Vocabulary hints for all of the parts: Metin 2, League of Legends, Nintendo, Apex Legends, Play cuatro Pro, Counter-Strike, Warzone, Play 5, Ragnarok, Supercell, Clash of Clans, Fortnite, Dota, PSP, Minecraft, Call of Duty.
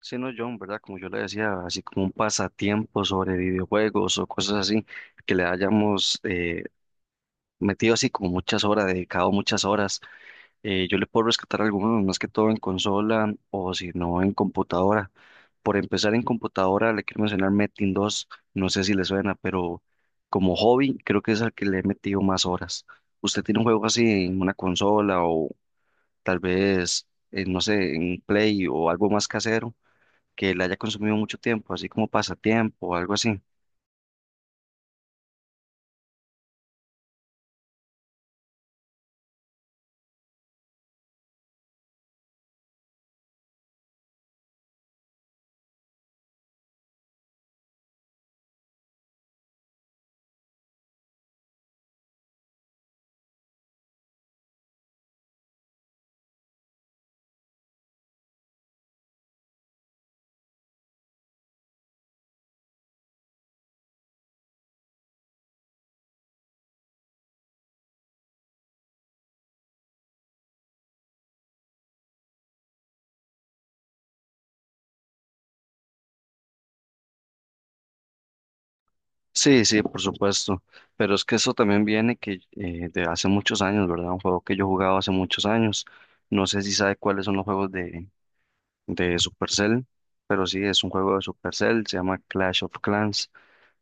Sí, no, John, ¿verdad? Como yo le decía, así como un pasatiempo sobre videojuegos o cosas así, que le hayamos metido así como muchas horas, dedicado muchas horas. Yo le puedo rescatar algunos, más que todo en consola o si no en computadora. Por empezar en computadora, le quiero mencionar Metin 2, no sé si le suena, pero como hobby creo que es al que le he metido más horas. ¿Usted tiene un juego así en una consola o tal vez, no sé, en Play o algo más casero que la haya consumido mucho tiempo, así como pasatiempo o algo así? Sí, sí, por supuesto, pero es que eso también viene que de hace muchos años, ¿verdad? Un juego que yo jugaba hace muchos años. No sé si sabe cuáles son los juegos de Supercell, pero sí, es un juego de Supercell, se llama Clash of Clans.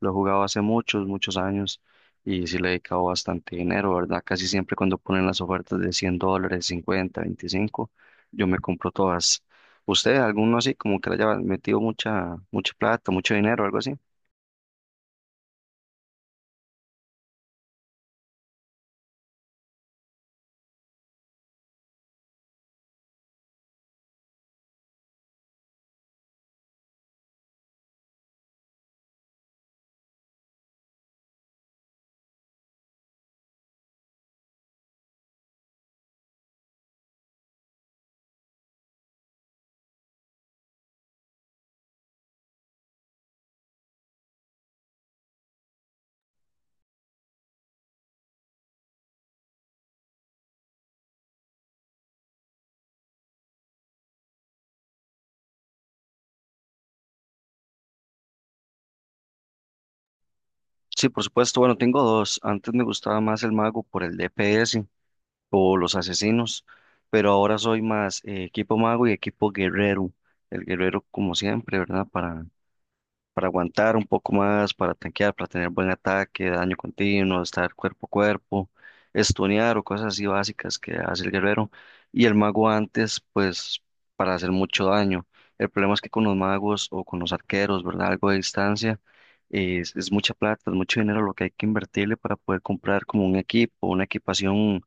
Lo he jugado hace muchos, muchos años y sí le he dedicado bastante dinero, ¿verdad? Casi siempre cuando ponen las ofertas de $100, 50, 25, yo me compro todas. ¿Usted, alguno así, como que le haya metido mucha, mucha plata, mucho dinero, algo así? Sí, por supuesto, bueno, tengo dos. Antes me gustaba más el mago por el D P S o los asesinos, pero ahora soy más equipo mago y equipo guerrero. El guerrero como siempre, ¿verdad? Para aguantar un poco más, para tanquear, para tener buen ataque, daño continuo, estar cuerpo a cuerpo, estunear o cosas así básicas que hace el guerrero. Y el mago antes, pues, para hacer mucho daño. El problema es que con los magos o con los arqueros, ¿verdad? Algo de distancia, es mucha plata, es mucho dinero lo que hay que invertirle para poder comprar como un equipo, una equipación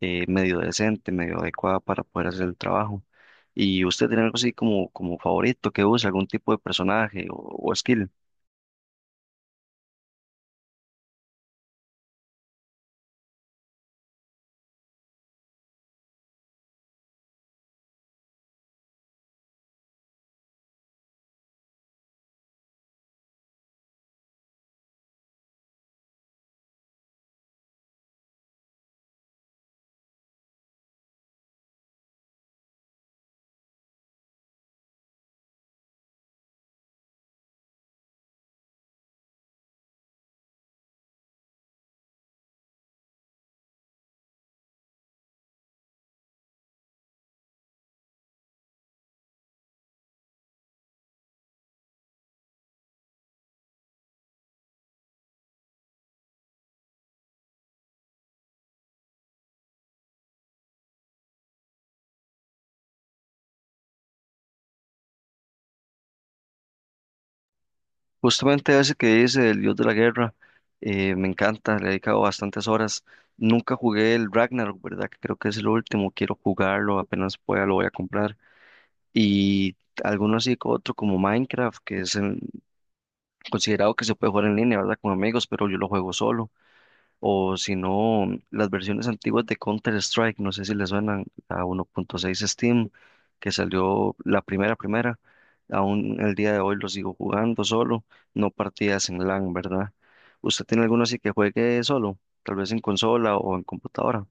medio decente, medio adecuada para poder hacer el trabajo. ¿Y usted tiene algo así como, como favorito que use, algún tipo de personaje o skill? Justamente ese que dice el dios de la guerra, me encanta, le he dedicado bastantes horas. Nunca jugué el Ragnarok, ¿verdad? Que creo que es el último, quiero jugarlo, apenas pueda lo voy a comprar. Y alguno otro como Minecraft, que considerado que se puede jugar en línea, ¿verdad? Con amigos, pero yo lo juego solo o si no, las versiones antiguas de Counter-Strike, no sé si les suenan a 1.6 Steam, que salió la primera, primera, aún el día de hoy lo sigo jugando solo, no partidas en LAN, ¿verdad? ¿Usted tiene alguno así que juegue solo, tal vez en consola o en computadora?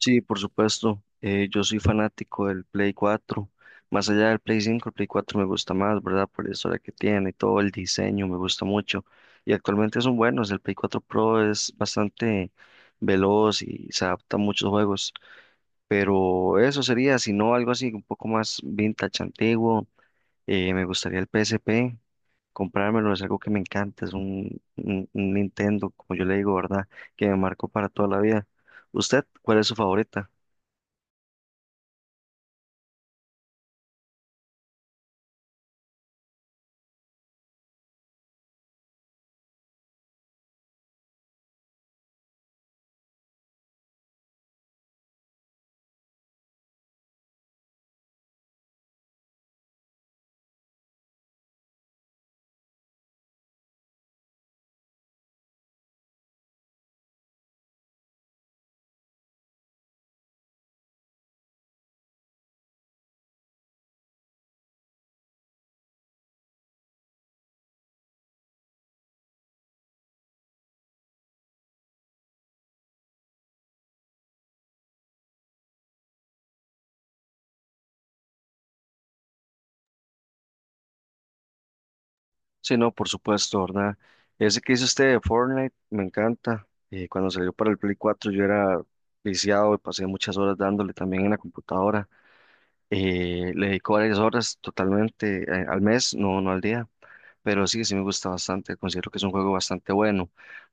Sí, por supuesto. Yo soy fanático del Play 4. Más allá del Play 5, el Play 4 me gusta más, ¿verdad? Por la historia que tiene, todo el diseño me gusta mucho. Y actualmente son buenos. El Play 4 Pro es bastante veloz y se adapta a muchos juegos. Pero eso sería, si no, algo así, un poco más vintage, antiguo. Me gustaría el PSP. Comprármelo es algo que me encanta. Es un Nintendo, como yo le digo, ¿verdad? Que me marcó para toda la vida. ¿Usted cuál es su favorita? Sí, no, por supuesto, ¿verdad? Ese que hizo usted de Fortnite me encanta. Cuando salió para el Play 4 yo era viciado y pasé muchas horas dándole también en la computadora. Le dedico varias horas totalmente al mes, no, no al día, pero sí, sí me gusta bastante, considero que es un juego bastante bueno.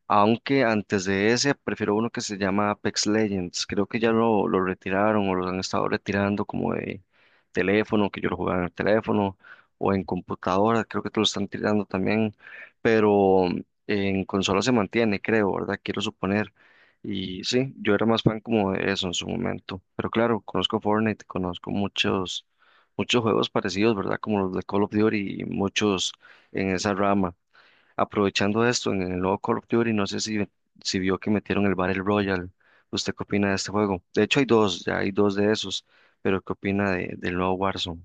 Aunque antes de ese, prefiero uno que se llama Apex Legends, creo que ya lo retiraron o lo han estado retirando como de teléfono, que yo lo jugaba en el teléfono o en computadora, creo que te lo están tirando también, pero en consola se mantiene, creo, ¿verdad? Quiero suponer. Y sí, yo era más fan como de eso en su momento. Pero claro, conozco Fortnite, conozco muchos, muchos juegos parecidos, ¿verdad? Como los de Call of Duty y muchos en esa rama. Aprovechando esto, en el nuevo Call of Duty, no sé si vio que metieron el Battle Royale. ¿Usted qué opina de este juego? De hecho, hay dos, ya hay dos de esos. Pero ¿qué opina del nuevo Warzone?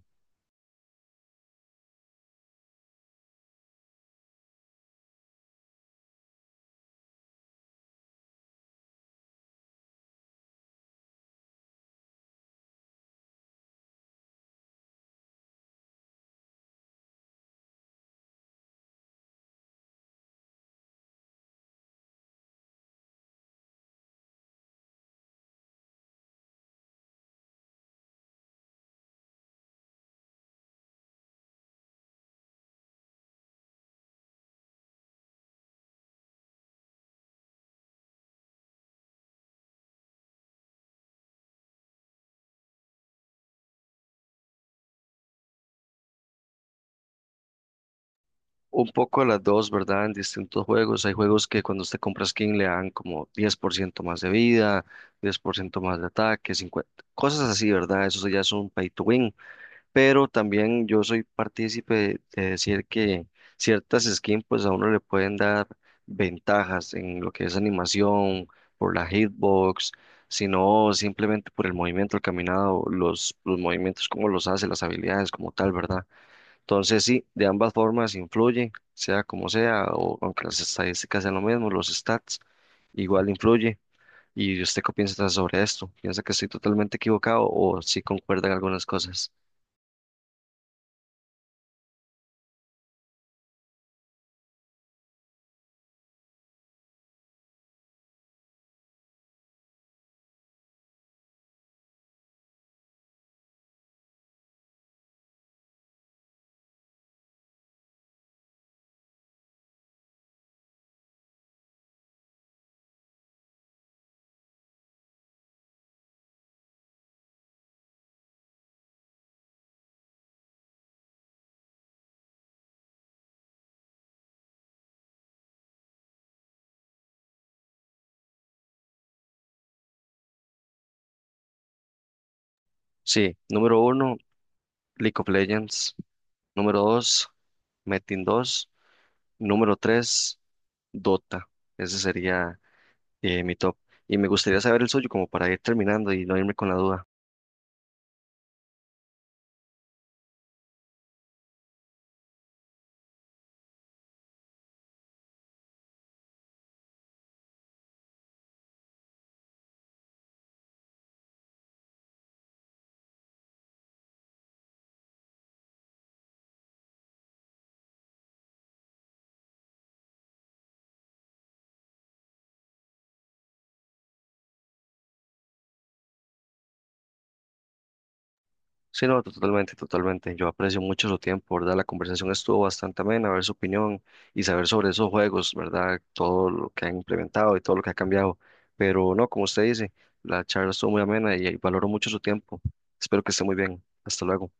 Un poco las dos, ¿verdad? En distintos juegos. Hay juegos que cuando usted compra skin le dan como 10% más de vida, 10% más de ataque, 50, cosas así, ¿verdad? Eso ya es un pay to win. Pero también yo soy partícipe de decir que ciertas skins pues a uno le pueden dar ventajas en lo que es animación, por la hitbox, sino simplemente por el movimiento, el caminado, los movimientos, cómo los hace, las habilidades como tal, ¿verdad? Entonces sí, de ambas formas influye, sea como sea, o aunque las estadísticas sean lo mismo, los stats igual influye. ¿Y usted qué piensa sobre esto? ¿Piensa que estoy totalmente equivocado o sí concuerdan algunas cosas? Sí, número uno, League of Legends. Número dos, Metin 2. Número tres, Dota. Ese sería mi top. Y me gustaría saber el suyo como para ir terminando y no irme con la duda. Sí, no, totalmente, totalmente. Yo aprecio mucho su tiempo, ¿verdad? La conversación estuvo bastante amena, ver su opinión y saber sobre esos juegos, ¿verdad? Todo lo que han implementado y todo lo que ha cambiado. Pero no, como usted dice, la charla estuvo muy amena y valoro mucho su tiempo. Espero que esté muy bien. Hasta luego.